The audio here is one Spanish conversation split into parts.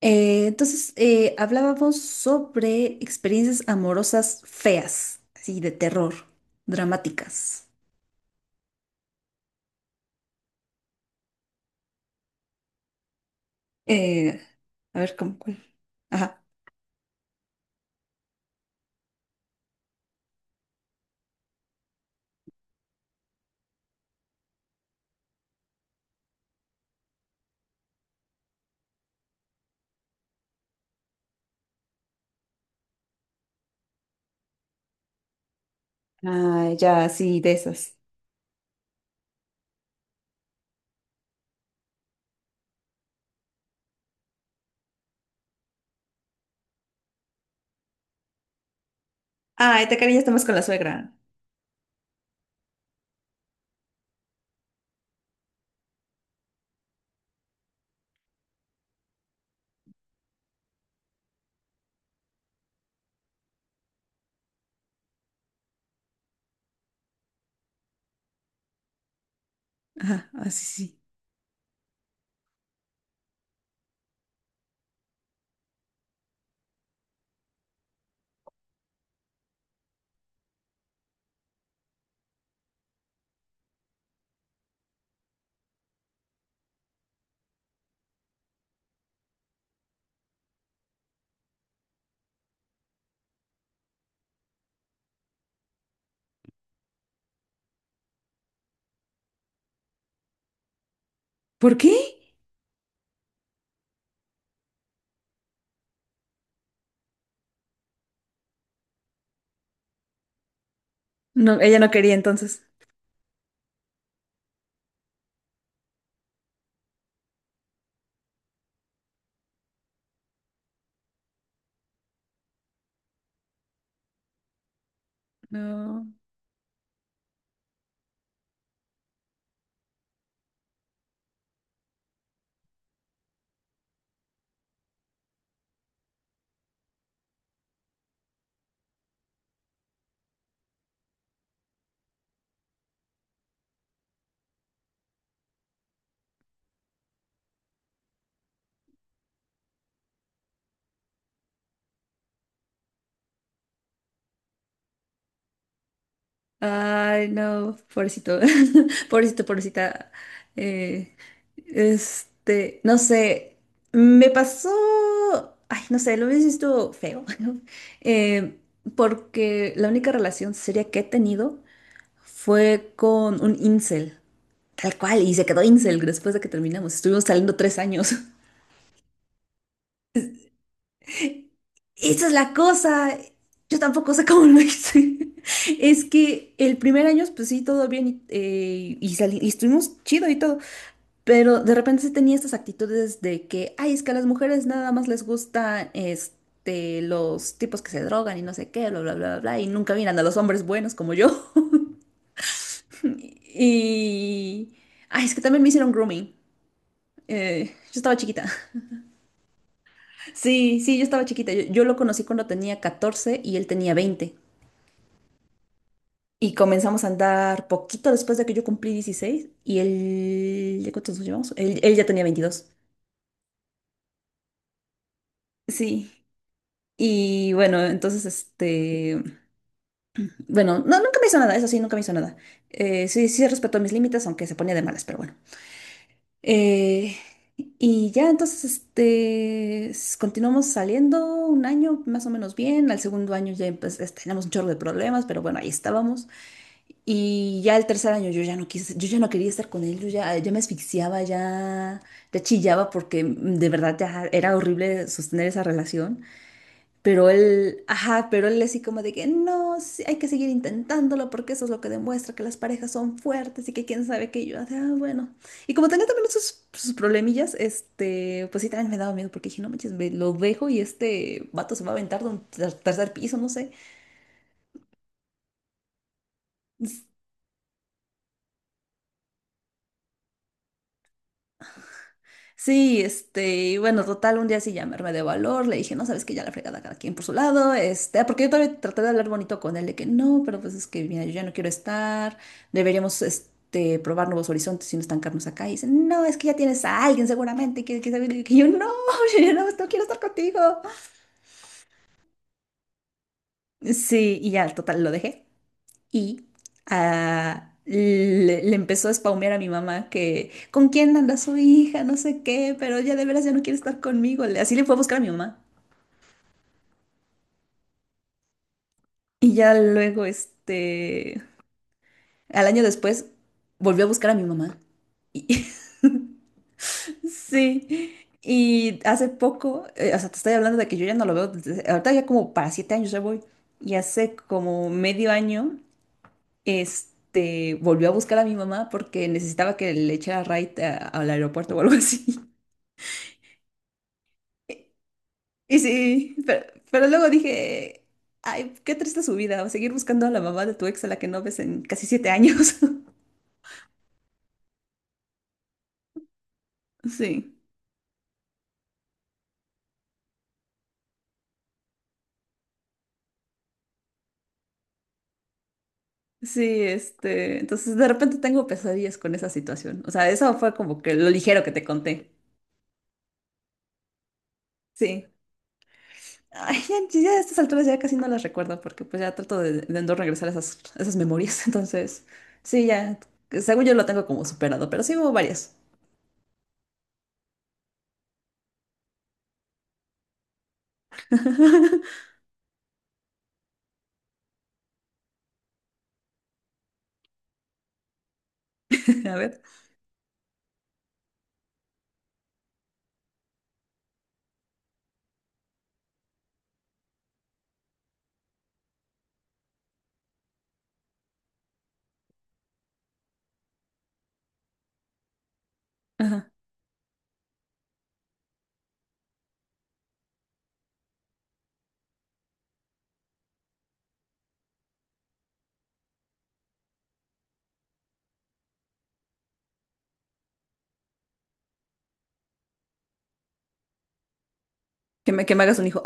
Entonces, hablábamos sobre experiencias amorosas feas, así de terror, dramáticas. Eh, a ver, ¿cómo cuál? Ajá. Ah, ya, sí, de esas. Ah, te quería estar más con la suegra. Ajá, así sí. Sí. ¿Por qué? No, ella no quería entonces. No. Ay, no, pobrecito. Pobrecito, pobrecita. Eh, Este, no sé, me pasó, ay, no sé, lo hubiese visto feo, ¿no? eh, porque la única relación seria que he tenido fue con un incel, tal cual, y se quedó incel después de que terminamos, estuvimos saliendo 3 años. Esa es la cosa. Yo tampoco sé cómo lo hice. Es que el primer año, pues sí, todo bien y estuvimos chido y todo. Pero de repente sí tenía estas actitudes de que, ay, es que a las mujeres nada más les gusta este, los tipos que se drogan y no sé qué, bla, bla, bla, bla, bla, y nunca miran a los hombres buenos como yo. Y, ay, es que también me hicieron grooming. Yo estaba chiquita. Sí, sí, yo estaba chiquita. Yo lo conocí cuando tenía 14 y él tenía 20. Y comenzamos a andar poquito después de que yo cumplí 16 y él, ¿de ¿cuántos nos llevamos? Él ya tenía 22. Sí. Y bueno, entonces este. Bueno, no, nunca me hizo nada, eso sí, nunca me hizo nada. Sí, sí respetó mis límites, aunque se ponía de malas, pero bueno. Eh, y ya entonces, este, continuamos saliendo un año más o menos bien. Al segundo año ya pues, teníamos un chorro de problemas, pero bueno, ahí estábamos. Y ya el tercer año yo ya no quise, yo ya no quería estar con él, yo ya, ya me asfixiaba, ya, ya chillaba porque de verdad ya era horrible sostener esa relación. Pero él, ajá, pero él así como de que no, sí, hay que seguir intentándolo porque eso es lo que demuestra que las parejas son fuertes y que quién sabe qué. Y yo, ah, bueno. Y como tenía también sus problemillas, este, pues sí, también me daba miedo porque dije, no manches, me lo dejo y este vato se va a aventar de un tercer piso, no sé. Sí, este, y bueno, total, un día sí llamarme de valor, le dije, no, sabes que ya la fregada cada quien por su lado, este, ah, porque yo todavía traté de hablar bonito con él, de que no, pero pues es que, mira, yo ya no quiero estar, deberíamos, este, probar nuevos horizontes y no estancarnos acá, y dice, no, es que ya tienes a alguien seguramente, que, sabe", y yo, no, yo no, no quiero estar contigo. Sí, y ya, total, lo dejé. Y le empezó a spaumear a mi mamá que, ¿con quién anda su hija? No sé qué, pero ya de veras ya no quiere estar conmigo. Así le fue a buscar a mi mamá. Y ya luego, este, al año después, volvió a buscar a mi mamá. Y- Sí. Y hace poco, o sea, te estoy hablando de que yo ya no lo veo, ahorita ya como para 7 años ya voy. Y hace como medio año este, volvió a buscar a mi mamá porque necesitaba que le echara ride al aeropuerto o algo así. Y sí, pero luego dije, ay, qué triste su vida, seguir buscando a la mamá de tu ex a la que no ves en casi 7 años. Sí, sí, este, entonces de repente tengo pesadillas con esa situación. O sea, eso fue como que lo ligero que te conté. Sí. Ay, ya, ya a estas alturas ya casi no las recuerdo porque pues ya trato de no regresar a esas memorias. Entonces, sí, ya, según yo lo tengo como superado, pero sí hubo varias. A ver, ajá, que me hagas un hijo.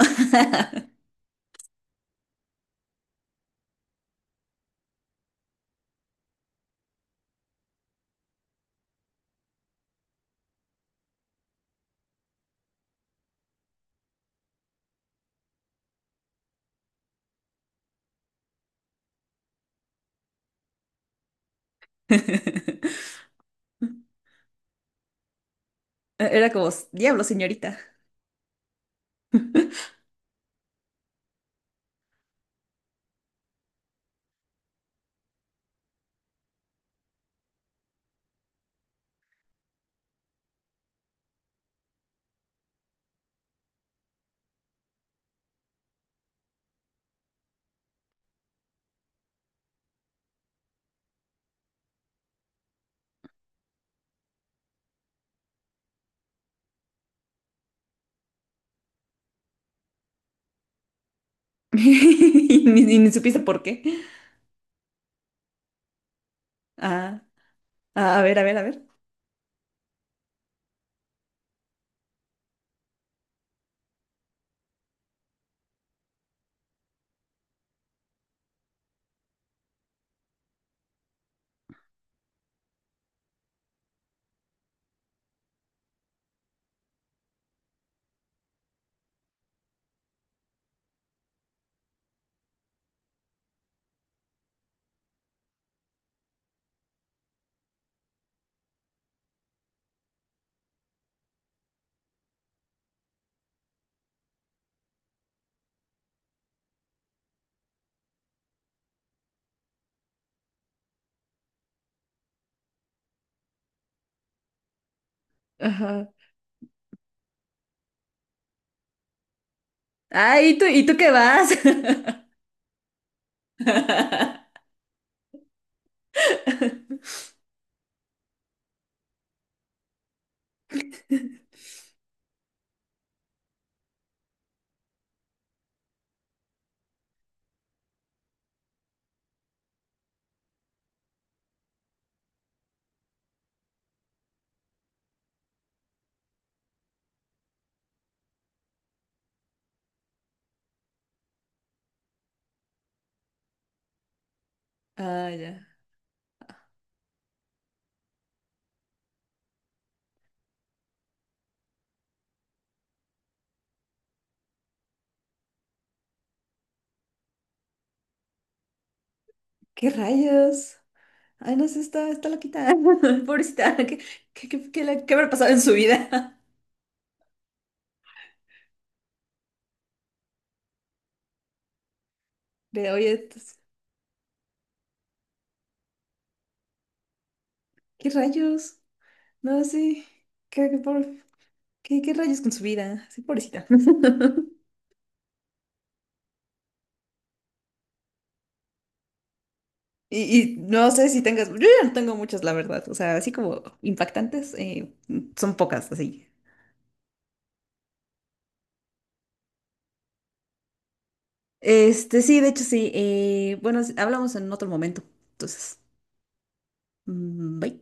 Era como, diablo, señorita. Y ni supiste por qué. Ah, ah, a ver, a ver, a ver. Ajá. Ah, ¿y tú qué vas? Ah, ya. ¿Qué rayos? Ay, no sé, está loquita. Pobrecita, ¿qué habrá pasado en su vida? Oye, pues, ¿qué rayos? No, sí. ¿Qué, qué, por- qué rayos con su vida? Sí, pobrecita. Y no sé si tengas, yo ya no tengo muchas, la verdad. O sea, así como impactantes, son pocas, así. Este, sí, de hecho, sí. Bueno, sí, hablamos en otro momento. Entonces, bye.